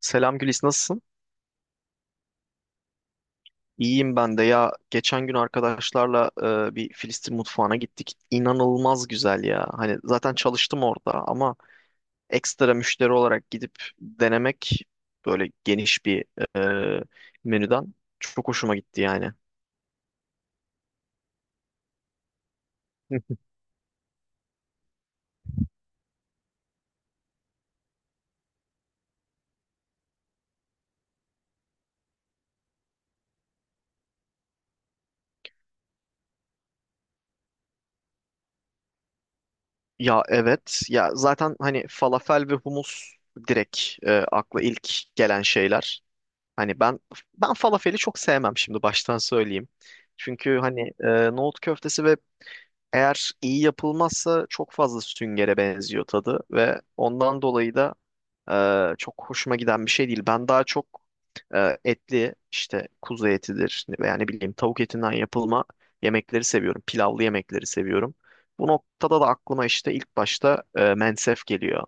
Selam Gülis, nasılsın? İyiyim ben de ya. Geçen gün arkadaşlarla bir Filistin mutfağına gittik. İnanılmaz güzel ya. Hani zaten çalıştım orada ama ekstra müşteri olarak gidip denemek, böyle geniş bir e, menüden çok hoşuma gitti yani. Ya evet, ya zaten hani falafel ve humus direkt akla ilk gelen şeyler. Hani ben falafeli çok sevmem, şimdi baştan söyleyeyim. Çünkü hani nohut köftesi ve eğer iyi yapılmazsa çok fazla süngere benziyor tadı ve ondan dolayı da çok hoşuma giden bir şey değil. Ben daha çok etli, işte kuzu etidir veya ne bileyim tavuk etinden yapılma yemekleri seviyorum. Pilavlı yemekleri seviyorum. Bu noktada da aklıma işte ilk başta mensef geliyor.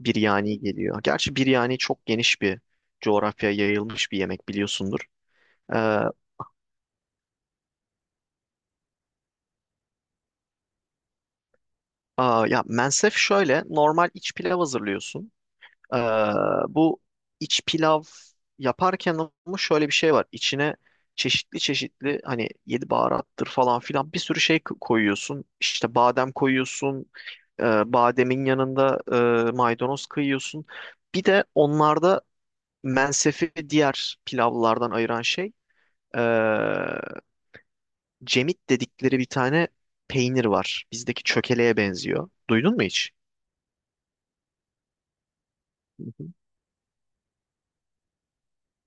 Biryani geliyor. Gerçi biryani çok geniş bir coğrafyaya yayılmış bir yemek, biliyorsundur. E, ya mensef şöyle, normal iç pilav hazırlıyorsun. Ee, bu iç pilav yaparken ama şöyle bir şey var. İçine çeşitli çeşitli, hani yedi baharattır falan filan, bir sürü şey koyuyorsun. İşte badem koyuyorsun. e, Bademin yanında maydanoz kıyıyorsun. Bir de onlarda mensefi diğer pilavlardan ayıran şey, e, cemit dedikleri bir tane peynir var. Bizdeki çökeleye benziyor. Duydun mu hiç?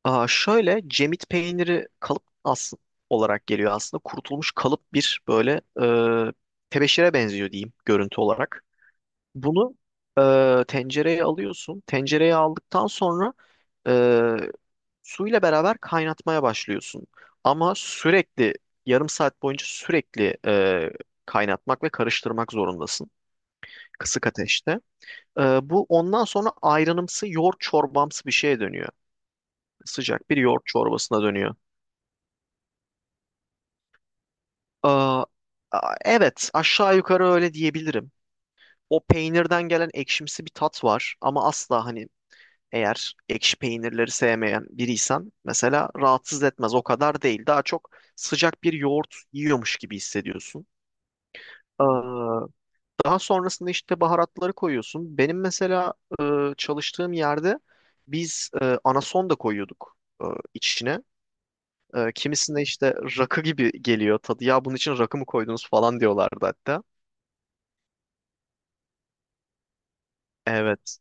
Şöyle cemit peyniri kalıp olarak geliyor aslında. Kurutulmuş kalıp, bir böyle e, tebeşire benziyor diyeyim, görüntü olarak. Bunu tencereye alıyorsun. Tencereye aldıktan sonra e, suyla beraber kaynatmaya başlıyorsun. Ama sürekli, yarım saat boyunca sürekli kaynatmak ve karıştırmak zorundasın, kısık ateşte. Bu ondan sonra ayranımsı yoğurt, çorbamsı bir şeye dönüyor. Sıcak bir yoğurt çorbasına dönüyor. Aa, evet, aşağı yukarı öyle diyebilirim. O peynirden gelen ekşimsi bir tat var ama asla, hani eğer ekşi peynirleri sevmeyen biriysen mesela, rahatsız etmez. O kadar değil. Daha çok sıcak bir yoğurt yiyormuş gibi hissediyorsun. Aa, daha sonrasında işte baharatları koyuyorsun. Benim mesela e, çalıştığım yerde biz anason da koyuyorduk e, içine. Kimisinde işte rakı gibi geliyor tadı. Ya bunun için rakı mı koydunuz falan diyorlardı hatta. Evet,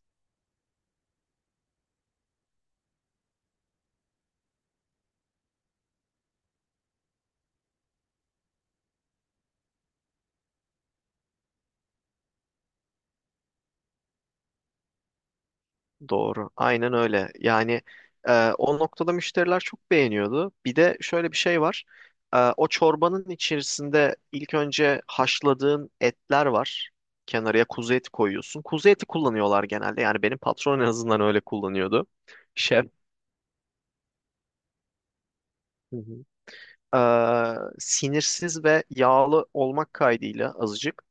doğru. Aynen öyle. Yani e, o noktada müşteriler çok beğeniyordu. Bir de şöyle bir şey var. O çorbanın içerisinde ilk önce haşladığın etler var. Kenarıya kuzu eti koyuyorsun. Kuzu eti kullanıyorlar genelde. Yani benim patron en azından öyle kullanıyordu. Şef. Hı hı. Ee, sinirsiz ve yağlı olmak kaydıyla, azıcık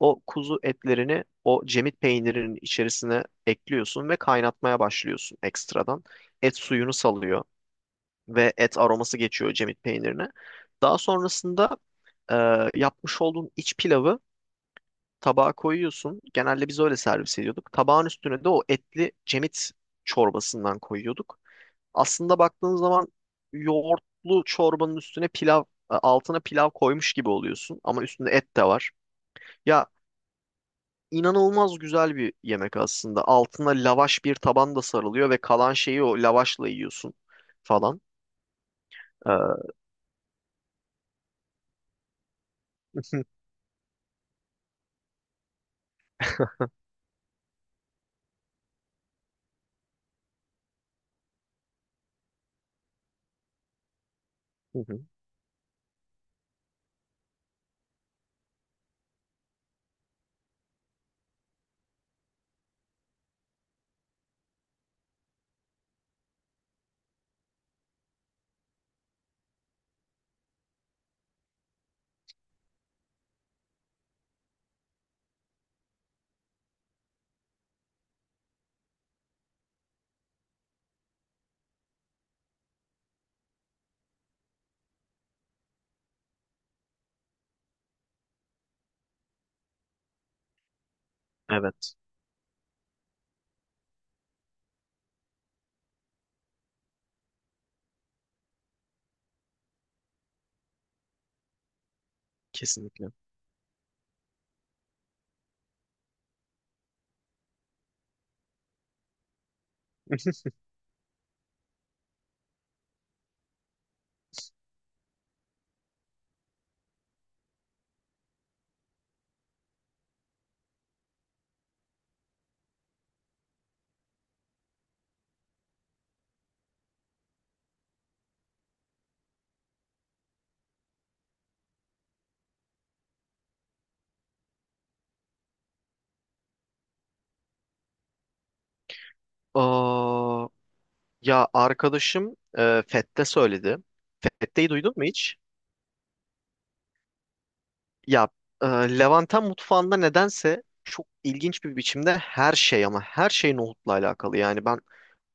o kuzu etlerini o cemit peynirinin içerisine ekliyorsun ve kaynatmaya başlıyorsun ekstradan. Et suyunu salıyor ve et aroması geçiyor cemit peynirine. Daha sonrasında e, yapmış olduğun iç pilavı tabağa koyuyorsun. Genelde biz öyle servis ediyorduk. Tabağın üstüne de o etli cemit çorbasından koyuyorduk. Aslında baktığın zaman yoğurtlu çorbanın üstüne pilav, altına pilav koymuş gibi oluyorsun ama üstünde et de var. Ya, inanılmaz güzel bir yemek aslında. Altına lavaş bir taban da sarılıyor ve kalan şeyi o lavaşla yiyorsun falan. Ee, Hı hı. Evet, kesinlikle. Aa, ya arkadaşım Fette söyledi. Fette'yi duydun mu hiç? Ya e, Levanten mutfağında nedense çok ilginç bir biçimde her şey, ama her şey nohutla alakalı. Yani ben,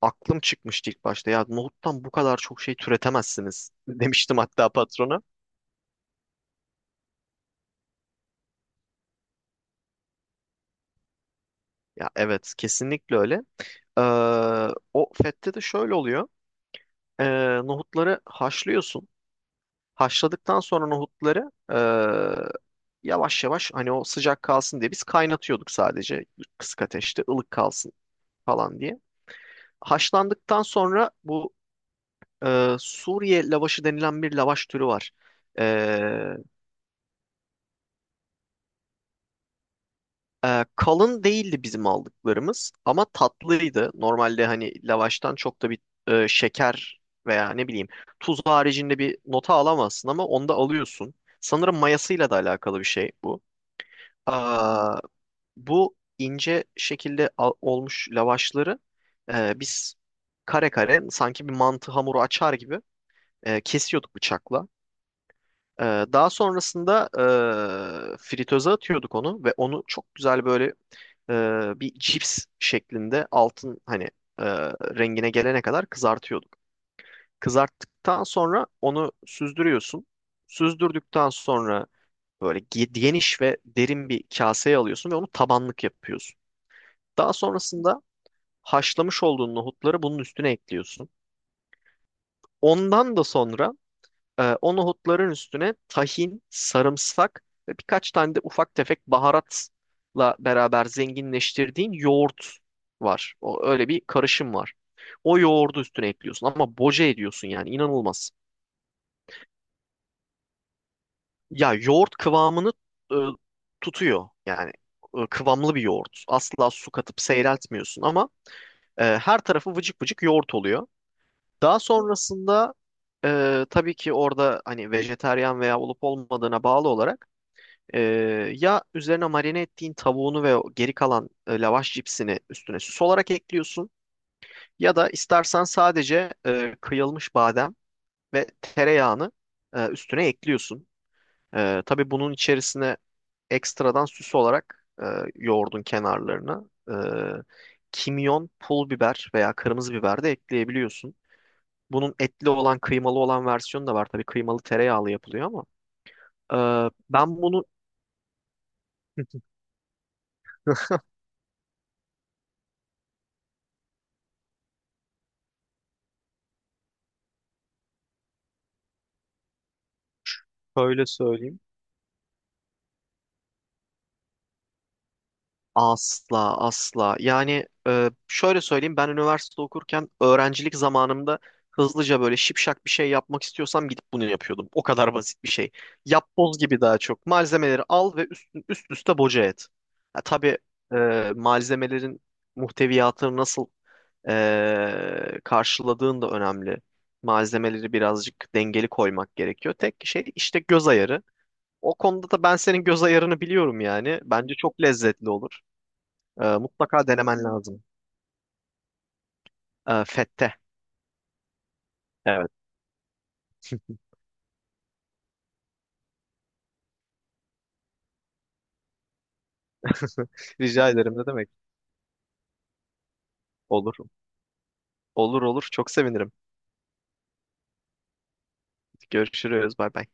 aklım çıkmıştı ilk başta. Ya nohuttan bu kadar çok şey türetemezsiniz demiştim hatta patrona. Ya evet, kesinlikle öyle. Ee, o fette de şöyle oluyor. Ee, nohutları haşlıyorsun. Haşladıktan sonra nohutları yavaş yavaş, hani o sıcak kalsın diye biz kaynatıyorduk sadece, kısık ateşte ılık kalsın falan diye. Haşlandıktan sonra bu Suriye lavaşı denilen bir lavaş türü var. E, Kalın değildi bizim aldıklarımız ama tatlıydı. Normalde hani lavaştan çok da bir şeker veya ne bileyim tuz haricinde bir nota alamazsın ama onda alıyorsun. Sanırım mayasıyla da alakalı bir şey bu. Aa, bu ince şekilde olmuş lavaşları biz kare kare, sanki bir mantı hamuru açar gibi, kesiyorduk bıçakla. Ee, daha sonrasında fritöze atıyorduk onu ve onu çok güzel, böyle bir cips şeklinde, altın hani e, rengine gelene kadar kızartıyorduk. Kızarttıktan sonra onu süzdürüyorsun. Süzdürdükten sonra böyle geniş ve derin bir kaseye alıyorsun ve onu tabanlık yapıyorsun. Daha sonrasında haşlamış olduğun nohutları bunun üstüne ekliyorsun. Ondan da sonra, o nohutların üstüne tahin, sarımsak ve birkaç tane de ufak tefek baharatla beraber zenginleştirdiğin yoğurt var. O, öyle bir karışım var. O yoğurdu üstüne ekliyorsun ama boca ediyorsun yani, inanılmaz. Ya, yoğurt kıvamını e, tutuyor yani, kıvamlı bir yoğurt. Asla su katıp seyreltmiyorsun ama her tarafı vıcık vıcık yoğurt oluyor. Daha sonrasında tabii ki orada, hani vejetaryen veya olup olmadığına bağlı olarak, Ee, ya üzerine marine ettiğin tavuğunu ve o geri kalan lavaş cipsini üstüne süs olarak ekliyorsun. Ya da istersen sadece kıyılmış badem ve tereyağını üstüne ekliyorsun. Tabii bunun içerisine ekstradan süs olarak, yoğurdun kenarlarına, E, kimyon, pul biber veya kırmızı biber de ekleyebiliyorsun. Bunun etli olan, kıymalı olan versiyonu da var. Tabii kıymalı tereyağlı yapılıyor ama. Ben bunu böyle söyleyeyim. Asla asla. Yani şöyle söyleyeyim, ben üniversite okurken, öğrencilik zamanımda hızlıca böyle şipşak bir şey yapmak istiyorsam gidip bunu yapıyordum. O kadar basit bir şey. Yapboz gibi daha çok. Malzemeleri al ve üst üste boca et. Ha, tabii malzemelerin muhteviyatını nasıl karşıladığın da önemli. Malzemeleri birazcık dengeli koymak gerekiyor. Tek şey işte göz ayarı. O konuda da ben senin göz ayarını biliyorum yani. Bence çok lezzetli olur. Mutlaka denemen lazım. Fette. Evet. Rica ederim, ne demek? Olur. Olur olur. Çok sevinirim. Görüşürüz. Bay bay.